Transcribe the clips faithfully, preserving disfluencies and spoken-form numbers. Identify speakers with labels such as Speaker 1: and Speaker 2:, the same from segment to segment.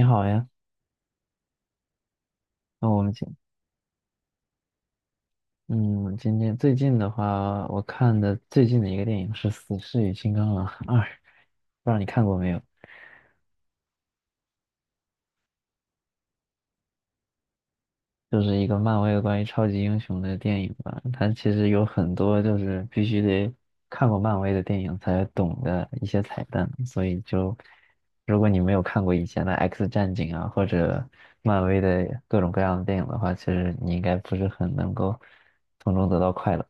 Speaker 1: 你好呀，那我们今嗯，今天最近的话，我看的最近的一个电影是《死侍与金刚狼二》，不知道你看过没有？就是一个漫威关于超级英雄的电影吧。它其实有很多就是必须得看过漫威的电影才懂的一些彩蛋，所以就如果你没有看过以前的《X 战警》啊，或者漫威的各种各样的电影的话，其实你应该不是很能够从中得到快乐。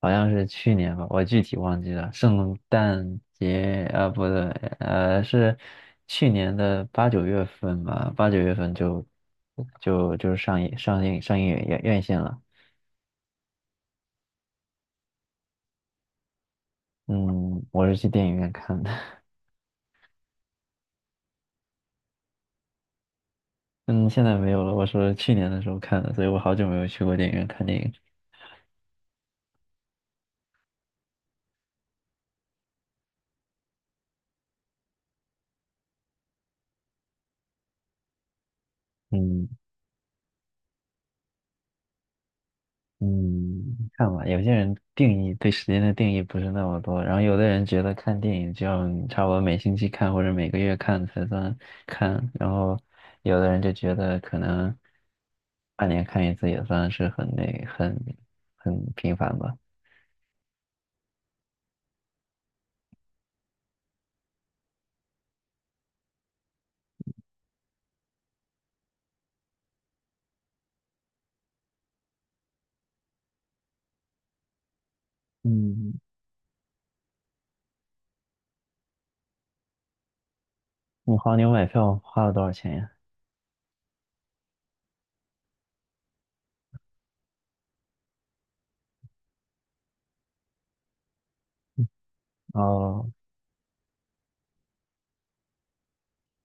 Speaker 1: 好像是去年吧，我具体忘记了。圣诞节啊，不对，呃，是去年的八九月份吧，八九月份就就就上映上映上映院院线了。嗯，我是去电影院看的。嗯，现在没有了。我说去年的时候看的，所以我好久没有去过电影院看电影。嗯。嗯，看吧，有些人定义对时间的定义不是那么多，然后有的人觉得看电影就要你差不多每星期看或者每个月看才算看，然后有的人就觉得可能半年看一次也算是很那很很频繁吧。嗯，你黄牛买票花了多少钱呀？哦，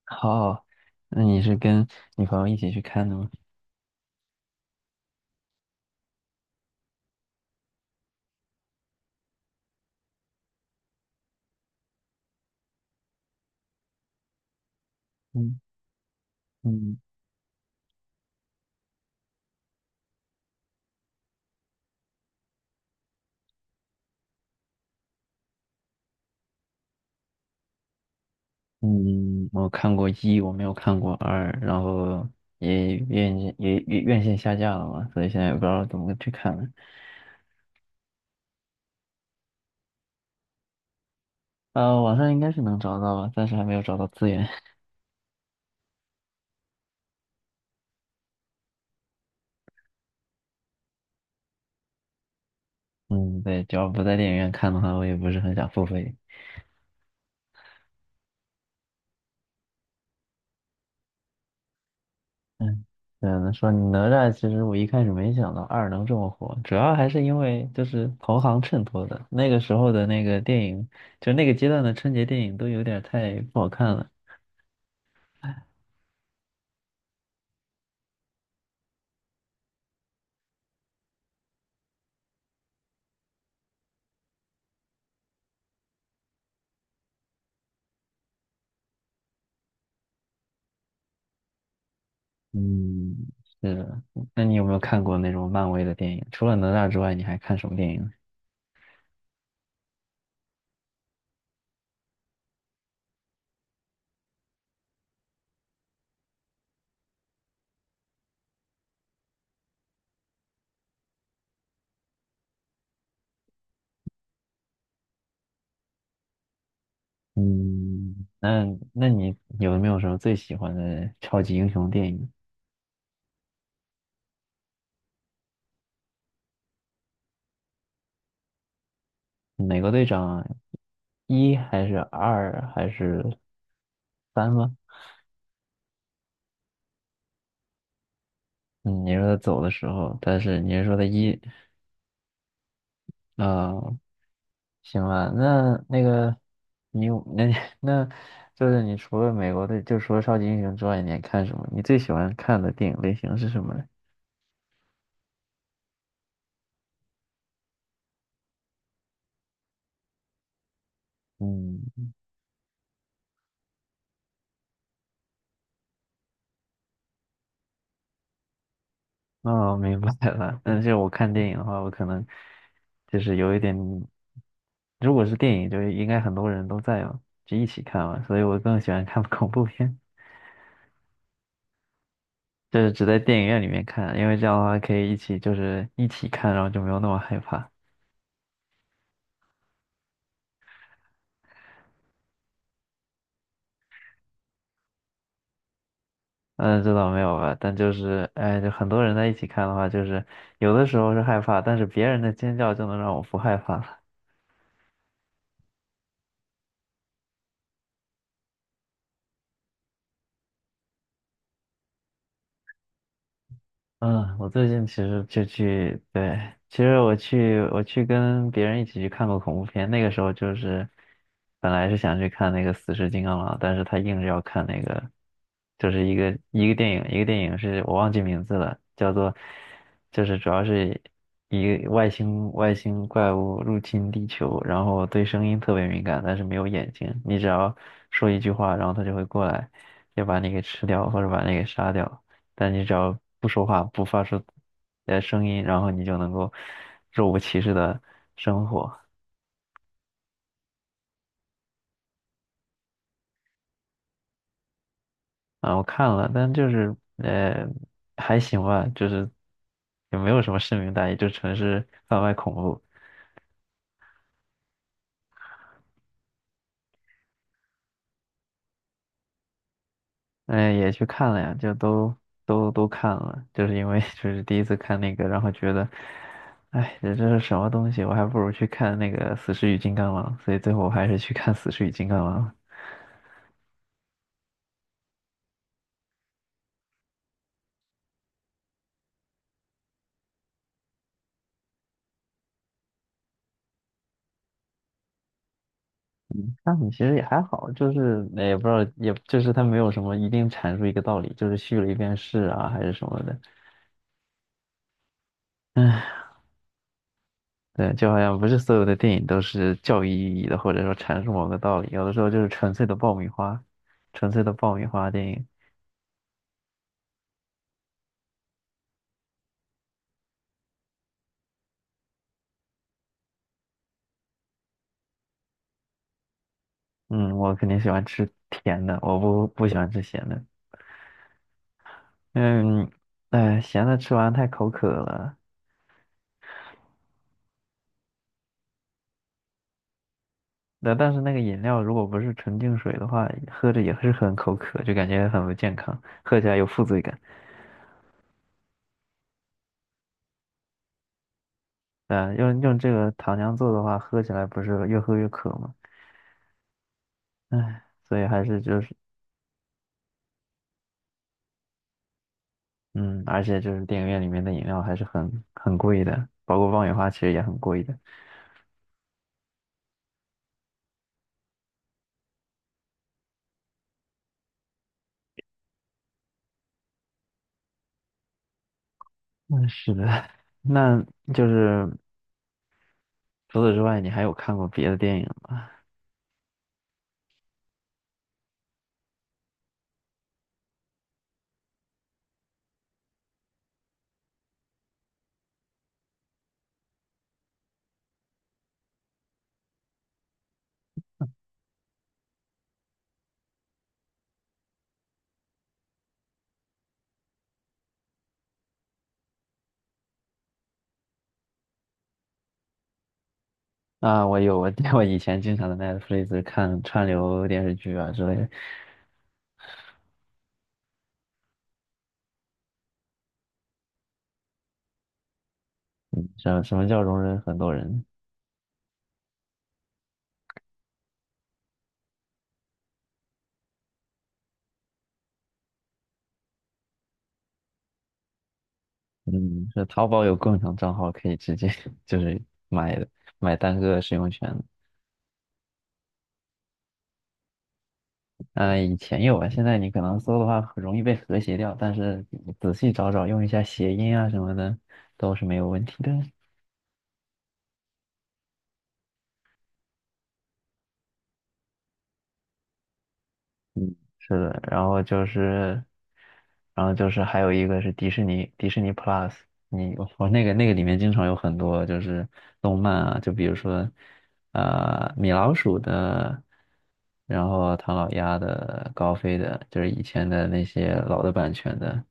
Speaker 1: 好，那你是跟女朋友一起去看的吗？嗯嗯。嗯，我看过一，我没有看过二，然后也院线也也院线下架了嘛，所以现在也不知道怎么去看了。呃，网上应该是能找到吧，暂时还没有找到资源。嗯，对，只要不在电影院看的话，我也不是很想付费。嗯，嗯，说哪吒，其实我一开始没想到二能这么火，主要还是因为就是同行衬托的。那个时候的那个电影，就那个阶段的春节电影都有点太不好看了。嗯，是的。那你有没有看过那种漫威的电影？除了哪吒之外，你还看什么电影嗯，那那你有没有什么最喜欢的超级英雄电影？美国队长一还是二还是三吗？嗯，你说他走的时候，但是你是说他一，啊、行吧，那那个你有那 那就是你除了美国队，就除了超级英雄之外，你还看什么？你最喜欢看的电影类型是什么呢？嗯。哦，明白了。但是我看电影的话，我可能就是有一点，如果是电影，就是应该很多人都在嘛，就一起看嘛，所以我更喜欢看 恐怖片，就是只在电影院里面看，因为这样的话可以一起就是一起看，然后就没有那么害怕。嗯，这倒没有吧，但就是哎，就很多人在一起看的话，就是有的时候是害怕，但是别人的尖叫就能让我不害怕。嗯，我最近其实就去，对，其实我去我去跟别人一起去看过恐怖片，那个时候就是本来是想去看那个《死侍金刚狼》，但是他硬是要看那个，就是一个一个电影，一个电影是我忘记名字了，叫做就是主要是一个外星外星怪物入侵地球，然后对声音特别敏感，但是没有眼睛，你只要说一句话，然后他就会过来，就把你给吃掉或者把你给杀掉。但你只要不说话，不发出呃声音，然后你就能够若无其事的生活。啊，我看了，但就是呃还行吧，就是也没有什么深明大义，就纯是贩卖恐怖。嗯、也去看了呀，就都都都看了，就是因为 就是第一次看那个，然后觉得，哎，这这是什么东西？我还不如去看那个《死侍与金刚狼》，所以最后我还是去看《死侍与金刚狼》了。那你其实也还好，就是也不知道，也就是它没有什么一定阐述一个道理，就是叙了一遍事啊，还是什么的。唉，对，就好像不是所有的电影都是教育意义的，或者说阐述某个道理，有的时候就是纯粹的爆米花，纯粹的爆米花电影。嗯，我肯定喜欢吃甜的，我不不喜欢吃咸的。嗯，哎，咸的吃完太口渴了。那但是那个饮料如果不是纯净水的话，喝着也是很口渴，就感觉很不健康，喝起来有负罪感。嗯，用用这个糖浆做的话，喝起来不是越喝越渴吗？唉，所以还是就是，嗯，而且就是电影院里面的饮料还是很很贵的，包括爆米花其实也很贵的。嗯，是的。那就是除此之外，你还有看过别的电影吗？啊，我有，我 我以前经常在 Netflix 看串流电视剧啊之类的。什么什么叫容忍很多人？嗯，是淘宝有共享账号可以直接 就是买买单个使用权。呃，以前有啊，现在你可能搜的话很容易被和谐掉，但是你仔细找找，用一下谐音啊什么的，都是没有问题的。嗯，是的，然后就是，然后就是还有一个是迪士尼，迪士尼 Plus,你我我那个那个里面经常有很多就是动漫啊，就比如说，呃，米老鼠的，然后唐老鸭的，高飞的，就是以前的那些老的版权的，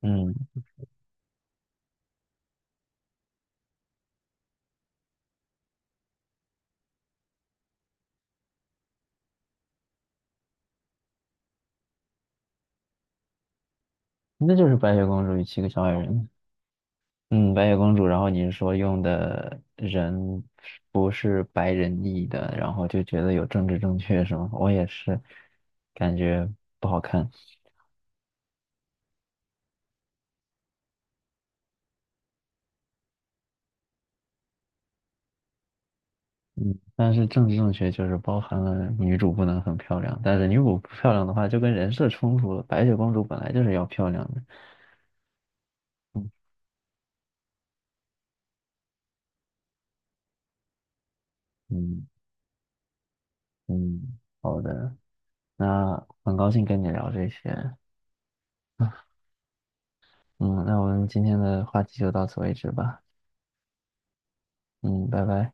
Speaker 1: 嗯，那就是白雪公主与七个小矮人。嗯，白雪公主，然后你是说用的人不是白人裔的，然后就觉得有政治正确是吗？我也是，感觉不好看。嗯，但是政治正确就是包含了女主不能很漂亮，但是女主不漂亮的话就跟人设冲突了。白雪公主本来就是要漂亮的。嗯嗯嗯，好的，那很高兴跟你聊这些。嗯，那我们今天的话题就到此为止吧。嗯，拜拜。